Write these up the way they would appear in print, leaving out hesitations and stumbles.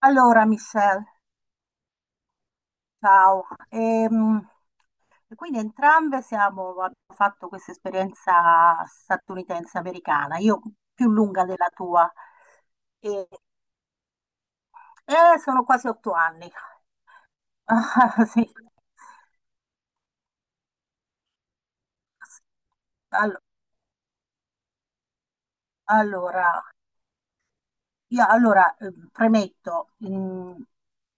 Allora, Michelle, ciao. E quindi entrambe siamo, abbiamo fatto questa esperienza statunitense americana, io più lunga della tua, e, sono quasi 8 anni. Sì. Allo- Allora, io allora premetto,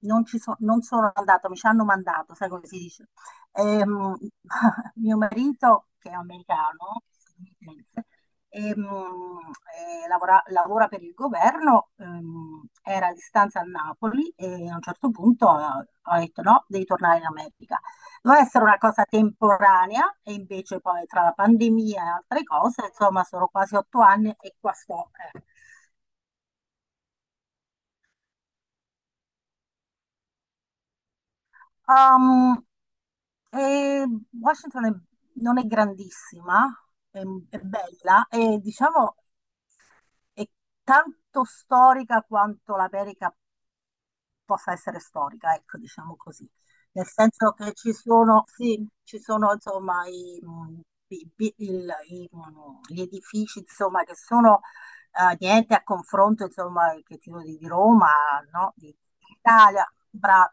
non sono andata, mi ci hanno mandato, sai come si dice. Ehm, Mio marito, che è americano, statunitense, ehm, lavora per il governo, era a distanza a Napoli e a un certo punto ho detto no, devi tornare in America. Doveva essere una cosa temporanea e invece poi tra la pandemia e altre cose, insomma, sono quasi otto anni e qua sto. eh. Ehm, e Washington non è grandissima, è, è bella e diciamo è tanto storica quanto l'America possa essere storica, ecco, diciamo così. Nel senso che ci sono, sì, ci sono insomma gli edifici insomma, che sono niente a confronto insomma, che ti dico, di Roma, no? Di Italia, brava.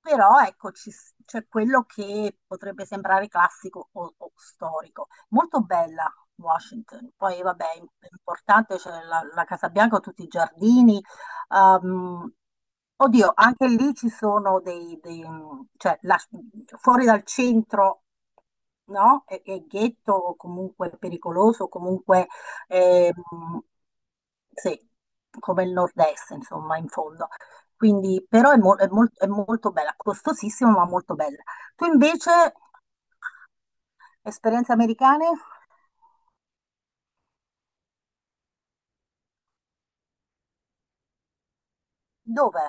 Però ecco, c'è quello che potrebbe sembrare classico o storico. Molto bella Washington, poi vabbè, è importante, c'è la Casa Bianca, tutti i giardini. ehm, Oddio, anche lì ci sono cioè la- fuori dal centro, no? È ghetto o comunque pericoloso, o comunque ehm, sì, come il nord-est, insomma, in fondo. Quindi, però è molto bella, costosissima ma molto bella. Tu invece, esperienze americane? Dove?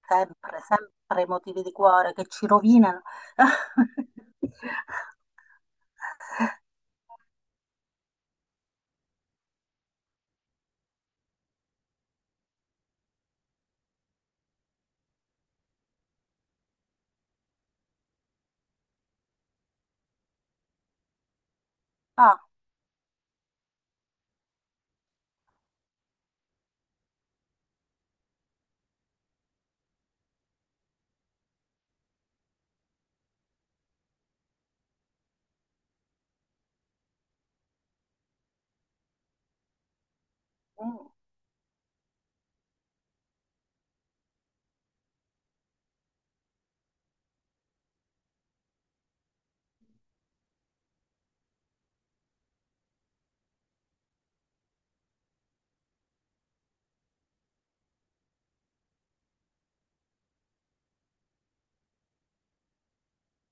Sempre, sempre motivi di cuore che ci rovinano. Ah, mm,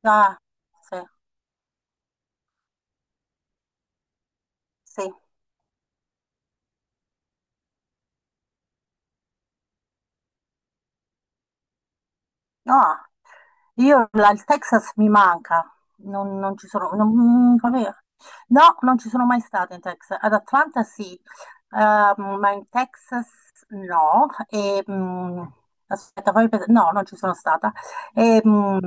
ah, sì, sì. No, il Texas mi manca, non ci sono, no, non ci sono mai stata in Texas. Ad Atlanta sì, ma in Texas no. E, aspetta, fammi pensare, no, non ci sono stata. E, mm,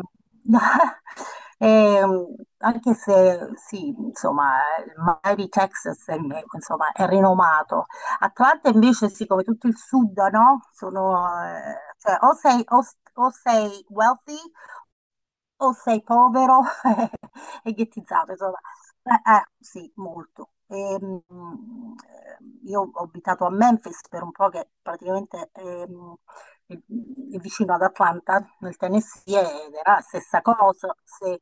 e, mm, anche se sì, insomma, il Miami Texas è, insomma, è rinomato. Atlanta invece sì, come tutto il sud, no? Sono, cioè, o sei wealthy o sei povero, è ghettizzato, insomma. Sì, molto. Eh, io ho abitato a Memphis per un po' che praticamente è vicino ad Atlanta, nel Tennessee, ed era la stessa cosa, sì.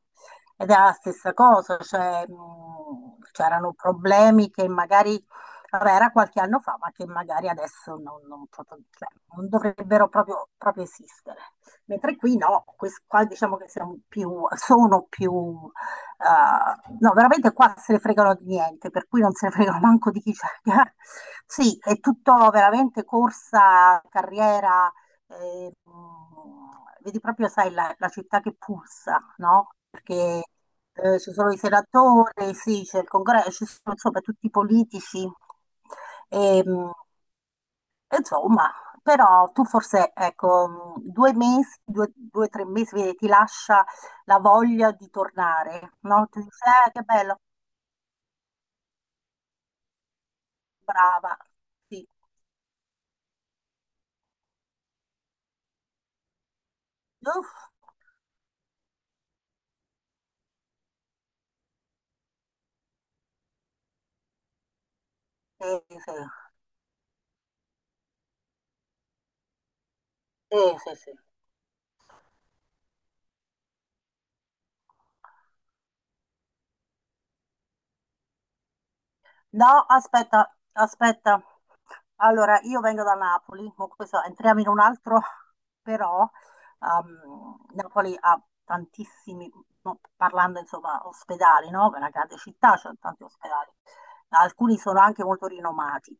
Ed era la stessa cosa, cioè, c'erano problemi che magari, vabbè, era qualche anno fa, ma che magari adesso non, non proprio- cioè, non dovrebbero proprio, proprio esistere. Mentre qui no, qua diciamo che siamo più, sono più. No, veramente qua se ne fregano di niente, per cui non se ne fregano manco di chi c'è. Sì, è tutto veramente corsa, carriera, vedi proprio, sai, la città che pulsa, no? Perché ci sono i senatori, sì, c'è il congresso, ci sono insomma tutti i politici. E, mh, Insomma, però tu forse, ecco, 2 mesi, 3 mesi, vedi, ti lascia la voglia di tornare, no? Ti dici, che bello, brava. Sì. Uff, sì, sì, sì, sì, sì. No, aspetta, aspetta. Allora, io vengo da Napoli, ma questo, entriamo in un altro, però Napoli ha tantissimi, no, parlando insomma ospedali, no? È una grande città, c'è tanti ospedali. Alcuni sono anche molto rinomati.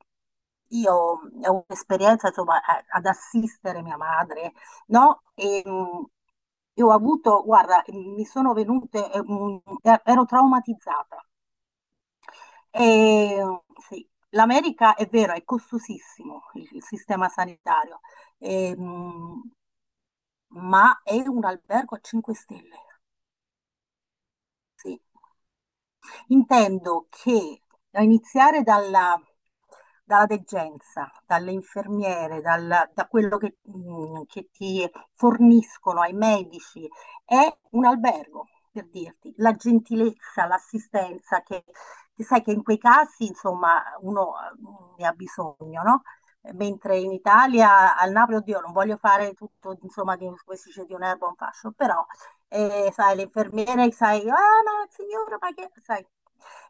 Io ho un'esperienza insomma ad assistere mia madre, no? Io ho avuto, guarda, mi sono venute, ero traumatizzata e, sì, l'America è vero, è costosissimo il sistema sanitario, ehm, ma è un albergo a 5 stelle, sì. Intendo che a iniziare dalla degenza, dalle infermiere, da quello che ti forniscono ai medici, è un albergo, per dirti, la gentilezza, l'assistenza, che sai che in quei casi, insomma, uno ne ha bisogno, no? Mentre in Italia, al Napoli, oddio, non voglio fare tutto, insomma, di, come si dice, di un'erba un fascio, però e sai, le infermiere, sai, ah, ma signora, ma che, sai.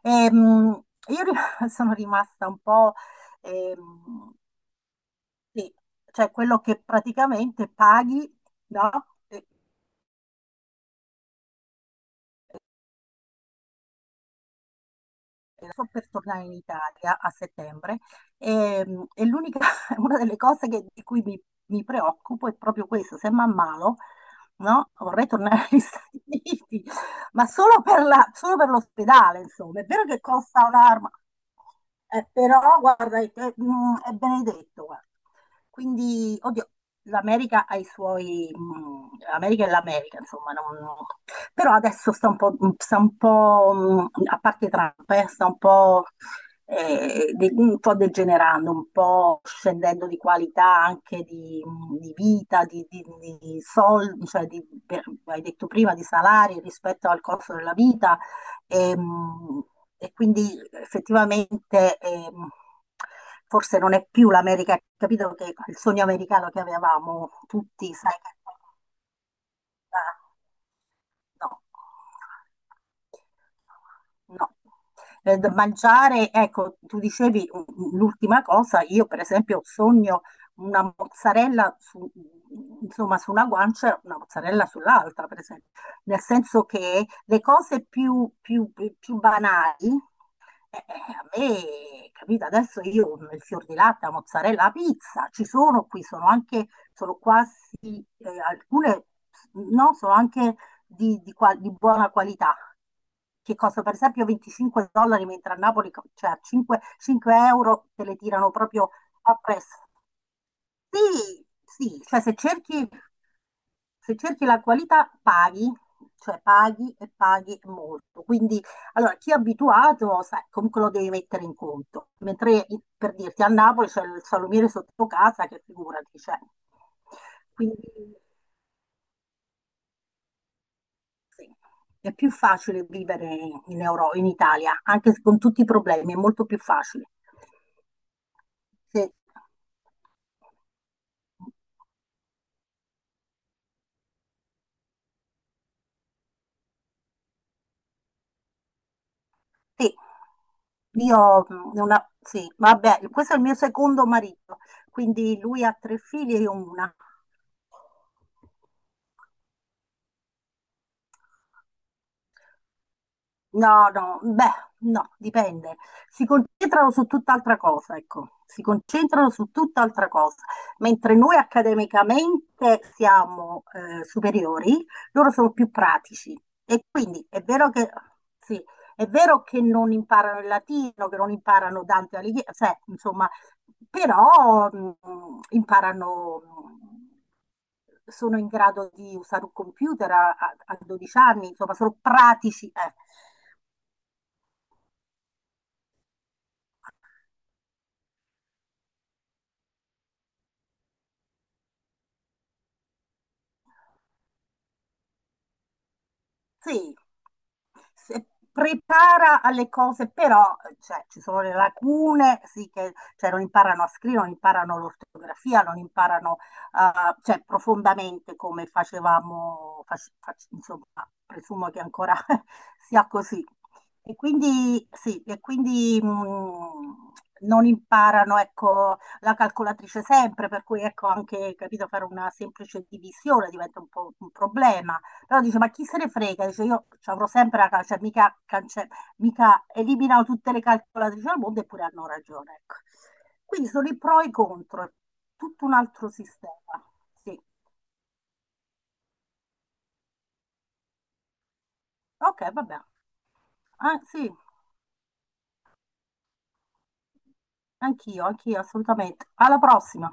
Ehm, io ri- sono rimasta un po', ehm, sì, cioè quello che praticamente paghi, no? Sto per tornare in Italia a settembre e, e l'unica, una delle cose di cui mi preoccupo è proprio questo, se mi ammalo, no? Vorrei tornare agli Stati Uniti, ma solo per l'ospedale, insomma. È vero che costa un'arma, però guarda, è benedetto, guarda. Quindi, oddio, l'America ha i suoi... L'America è l'America, insomma, però adesso sta un po', sta un po', a parte Trump, sta un po', un po' degenerando, un po' scendendo di qualità anche di, di vita, di sol- cioè di- per- hai detto prima, di salari rispetto al costo della vita. ehm, E quindi effettivamente, forse non è più l'America, capito, che il sogno americano che avevamo tutti, sai che... Ah, no, no. Da mangiare, ecco, tu dicevi, l'ultima cosa, io per esempio sogno una mozzarella su, insomma, su una guancia e una mozzarella sull'altra, per esempio, nel senso che le cose più, più, più banali, eh, a me, capito, adesso io il fior di latte, la mozzarella, la pizza, ci sono qui, sono anche, sono quasi, alcune, no, sono anche di, di buona qualità, che costano per esempio 25 dollari, mentre a Napoli, cioè a 5 euro, te le tirano proprio appresso. Sì, sì, cioè se cerchi, la qualità paghi, cioè paghi e paghi molto. Quindi, allora, chi è abituato, sai, comunque lo devi mettere in conto. Mentre, per dirti, a Napoli c'è il salumiere sotto casa, che figurati, cioè. Quindi, sì, è più facile vivere in in Italia, anche se con tutti i problemi, è molto più facile. Sì. Sì, io una, sì, vabbè, questo è il mio secondo marito, quindi lui ha tre figli e io una. No, no, beh, no, dipende. Si concentrano su tutt'altra cosa, ecco, si concentrano su tutt'altra cosa. Mentre noi accademicamente siamo superiori, loro sono più pratici. E quindi è vero che, sì, è vero che non imparano il latino, che non imparano Dante Alighieri, cioè, insomma, però imparano, sono in grado di usare un computer a, a 12 anni, insomma, sono pratici. Sì, se- prepara alle cose, però cioè, ci sono le lacune, sì, che cioè, non imparano a scrivere, non imparano l'ortografia, non imparano, cioè, profondamente come facevamo, insomma, presumo che ancora sia così. E quindi, sì, non imparano, ecco, la calcolatrice sempre, per cui, ecco, anche, capito, fare una semplice divisione diventa un po' un problema. Però dice, ma chi se ne frega? Dice, io ci avrò sempre la calce, mica eliminano tutte le calcolatrici al mondo, eppure hanno ragione. Ecco. Quindi sono i pro e i contro, è tutto un altro sistema. Sì, ok, vabbè. Ah, sì, anch'io, anch'io, assolutamente. Alla prossima.